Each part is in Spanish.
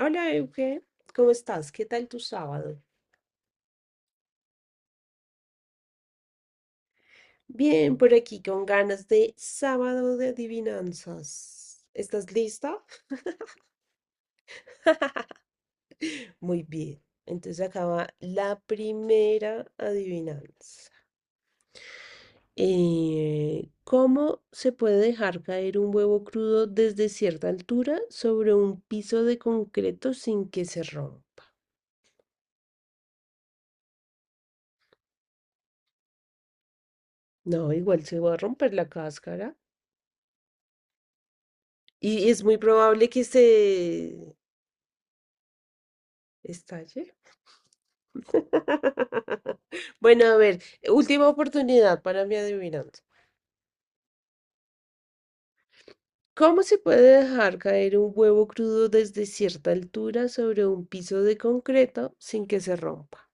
Hola Euge, ¿cómo estás? ¿Qué tal tu sábado? Bien, por aquí con ganas de sábado de adivinanzas. ¿Estás lista? Muy bien. Entonces acaba la primera adivinanza. ¿Cómo se puede dejar caer un huevo crudo desde cierta altura sobre un piso de concreto sin que se rompa? No, igual se va a romper la cáscara y es muy probable que se estalle. Bueno, a ver, última oportunidad para mi adivinanza. ¿Cómo se puede dejar caer un huevo crudo desde cierta altura sobre un piso de concreto sin que se rompa?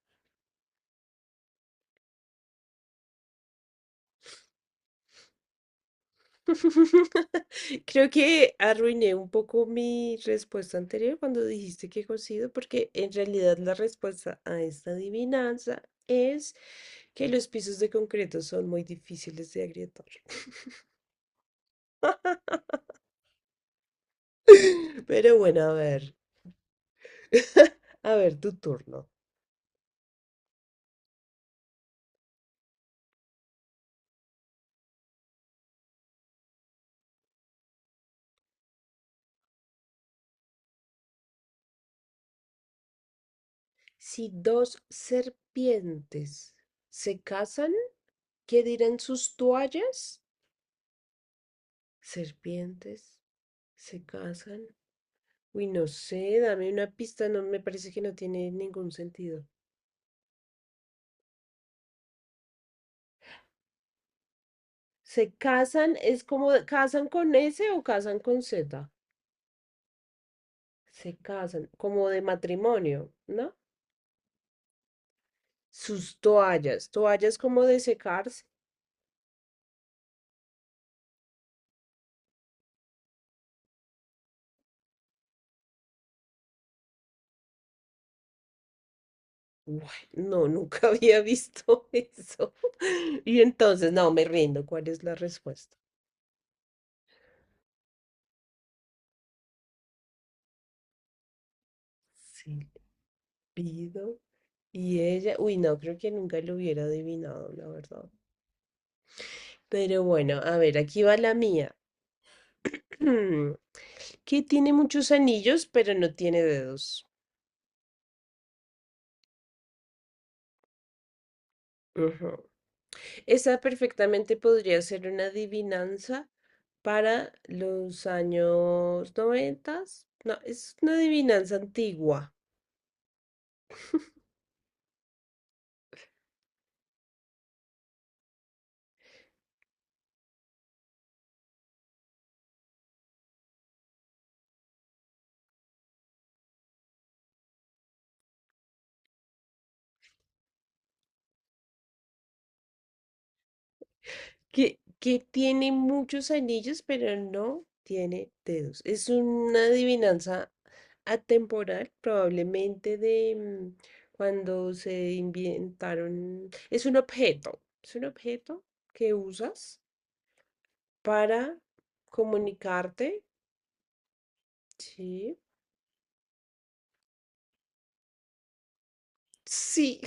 Creo que arruiné un poco mi respuesta anterior cuando dijiste que cocido, porque en realidad la respuesta a esta adivinanza es que los pisos de concreto son muy difíciles de agrietar. Pero bueno, a ver, tu turno. Si dos serpientes se casan, ¿qué dirán sus toallas? Serpientes se casan. Uy, no sé, dame una pista, no me parece que no tiene ningún sentido. Se casan, es como casan con S o casan con Z. Se casan, como de matrimonio, ¿no? Sus toallas, toallas como de secarse. Guay, no, nunca había visto eso. Y entonces, no, me rindo. ¿Cuál es la respuesta? Sí. Pido. Y ella, uy, no, creo que nunca lo hubiera adivinado, la verdad. Pero bueno, a ver, aquí va la mía. Que tiene muchos anillos, pero no tiene dedos. Ujú. Esa perfectamente podría ser una adivinanza para los años noventas. No, es una adivinanza antigua. Que tiene muchos anillos, pero no tiene dedos. Es una adivinanza atemporal, probablemente de cuando se inventaron. Es un objeto que usas para comunicarte. Sí, sí.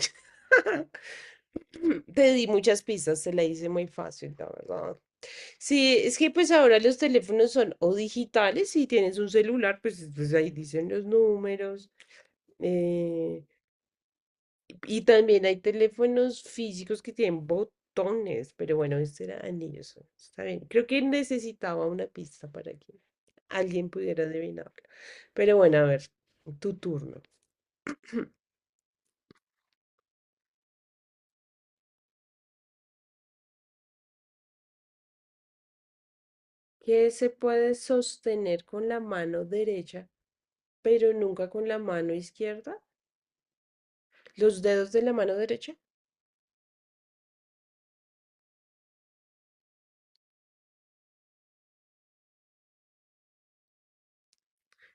Te di muchas pistas, te la hice muy fácil, la verdad. Sí, es que pues ahora los teléfonos son o digitales, si tienes un celular, pues, pues ahí dicen los números. eh, y también hay teléfonos físicos que tienen botones, pero bueno, este era anillos. Está bien. Creo que necesitaba una pista para que alguien pudiera adivinarlo. Pero bueno, a ver, tu turno. ¿Qué se puede sostener con la mano derecha, pero nunca con la mano izquierda? Los dedos de la mano derecha.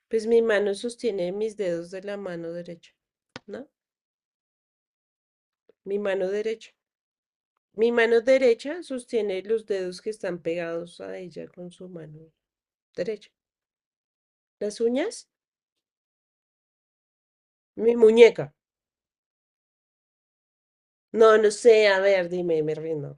Pues mi mano sostiene mis dedos de la mano derecha, ¿no? Mi mano derecha. Mi mano derecha sostiene los dedos que están pegados a ella con su mano derecha. ¿Las uñas? Mi muñeca. No, no sé, a ver, dime, me rindo.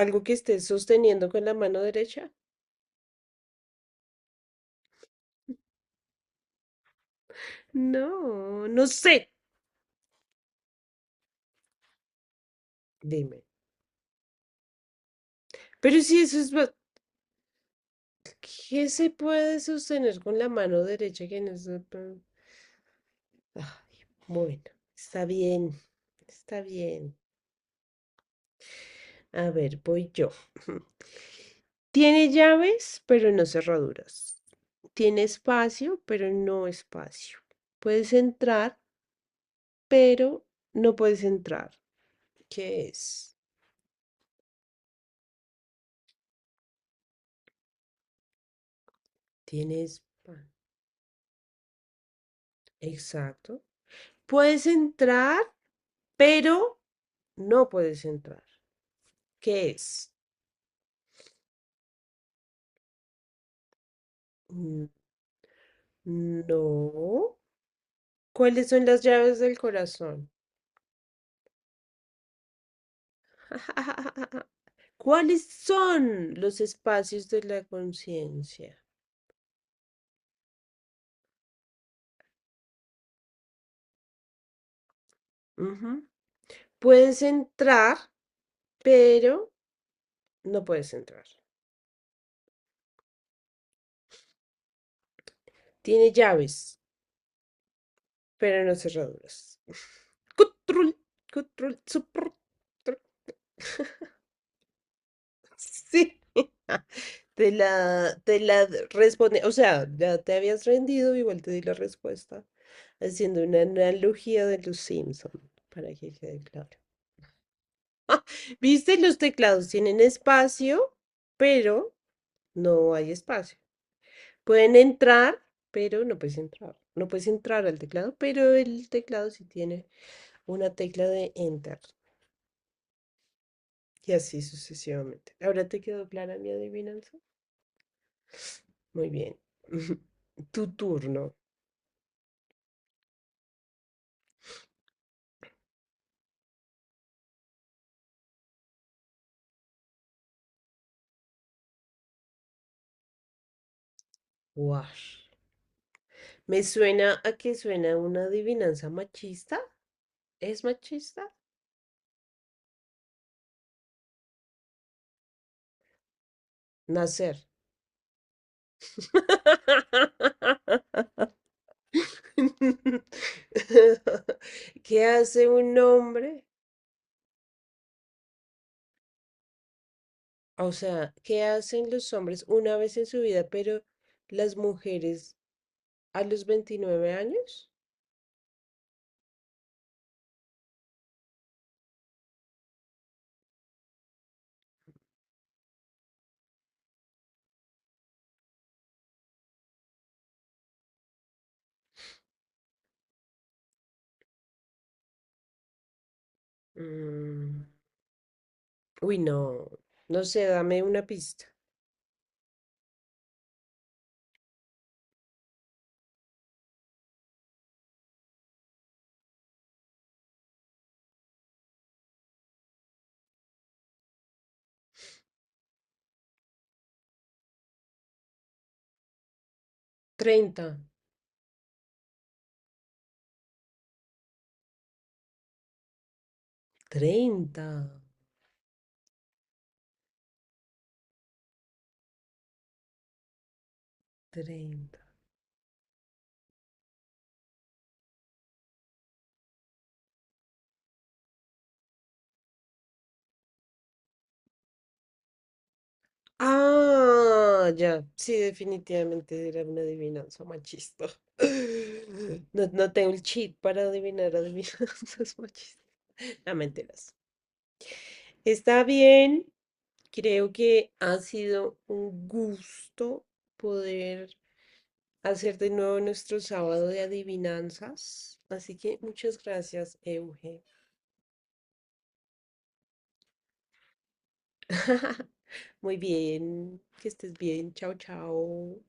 ¿Algo que estés sosteniendo con la mano derecha? No, no sé. Dime. Pero si eso es... ba- ¿Qué se puede sostener con la mano derecha que no se... bueno, está bien, está bien. A ver, voy yo. Tiene llaves, pero no cerraduras. Tiene espacio, pero no espacio. Puedes entrar, pero no puedes entrar. ¿Qué es? Tienes... pan- exacto. Puedes entrar, pero no puedes entrar. ¿Qué es? Mm, No. ¿Cuáles son las llaves del corazón? ¿Cuáles son los espacios de la conciencia? Ujú. Puedes entrar, pero no puedes entrar. Tiene llaves, pero no cerraduras. Control, control, suprul, sí, te la responde, o sea, ya te habías rendido, igual te di la respuesta, haciendo una analogía de los Simpson, para que quede claro. Viste, los teclados tienen espacio, pero no hay espacio. Pueden entrar, pero no puedes entrar. No puedes entrar al teclado, pero el teclado sí tiene una tecla de enter. Y así sucesivamente. ¿Ahora te quedó clara mi adivinanza? Muy bien. Tu turno. Guash. Me suena a que suena una adivinanza machista. ¿Es machista? Nacer. ¿Qué hace un hombre? O sea, ¿qué hacen los hombres una vez en su vida, pero las mujeres a los 29 años? Mm, Uy, no, no sé, dame una pista. 30. 30. Treinta. Ah, ya, sí, definitivamente era una adivinanza machista. No, no tengo el cheat para adivinar adivinanzas machistas. No, mentiras. Está bien, creo que ha sido un gusto poder hacer de nuevo nuestro sábado de adivinanzas. Así que muchas gracias, Euge. Muy bien, que estés bien. Chao, chao.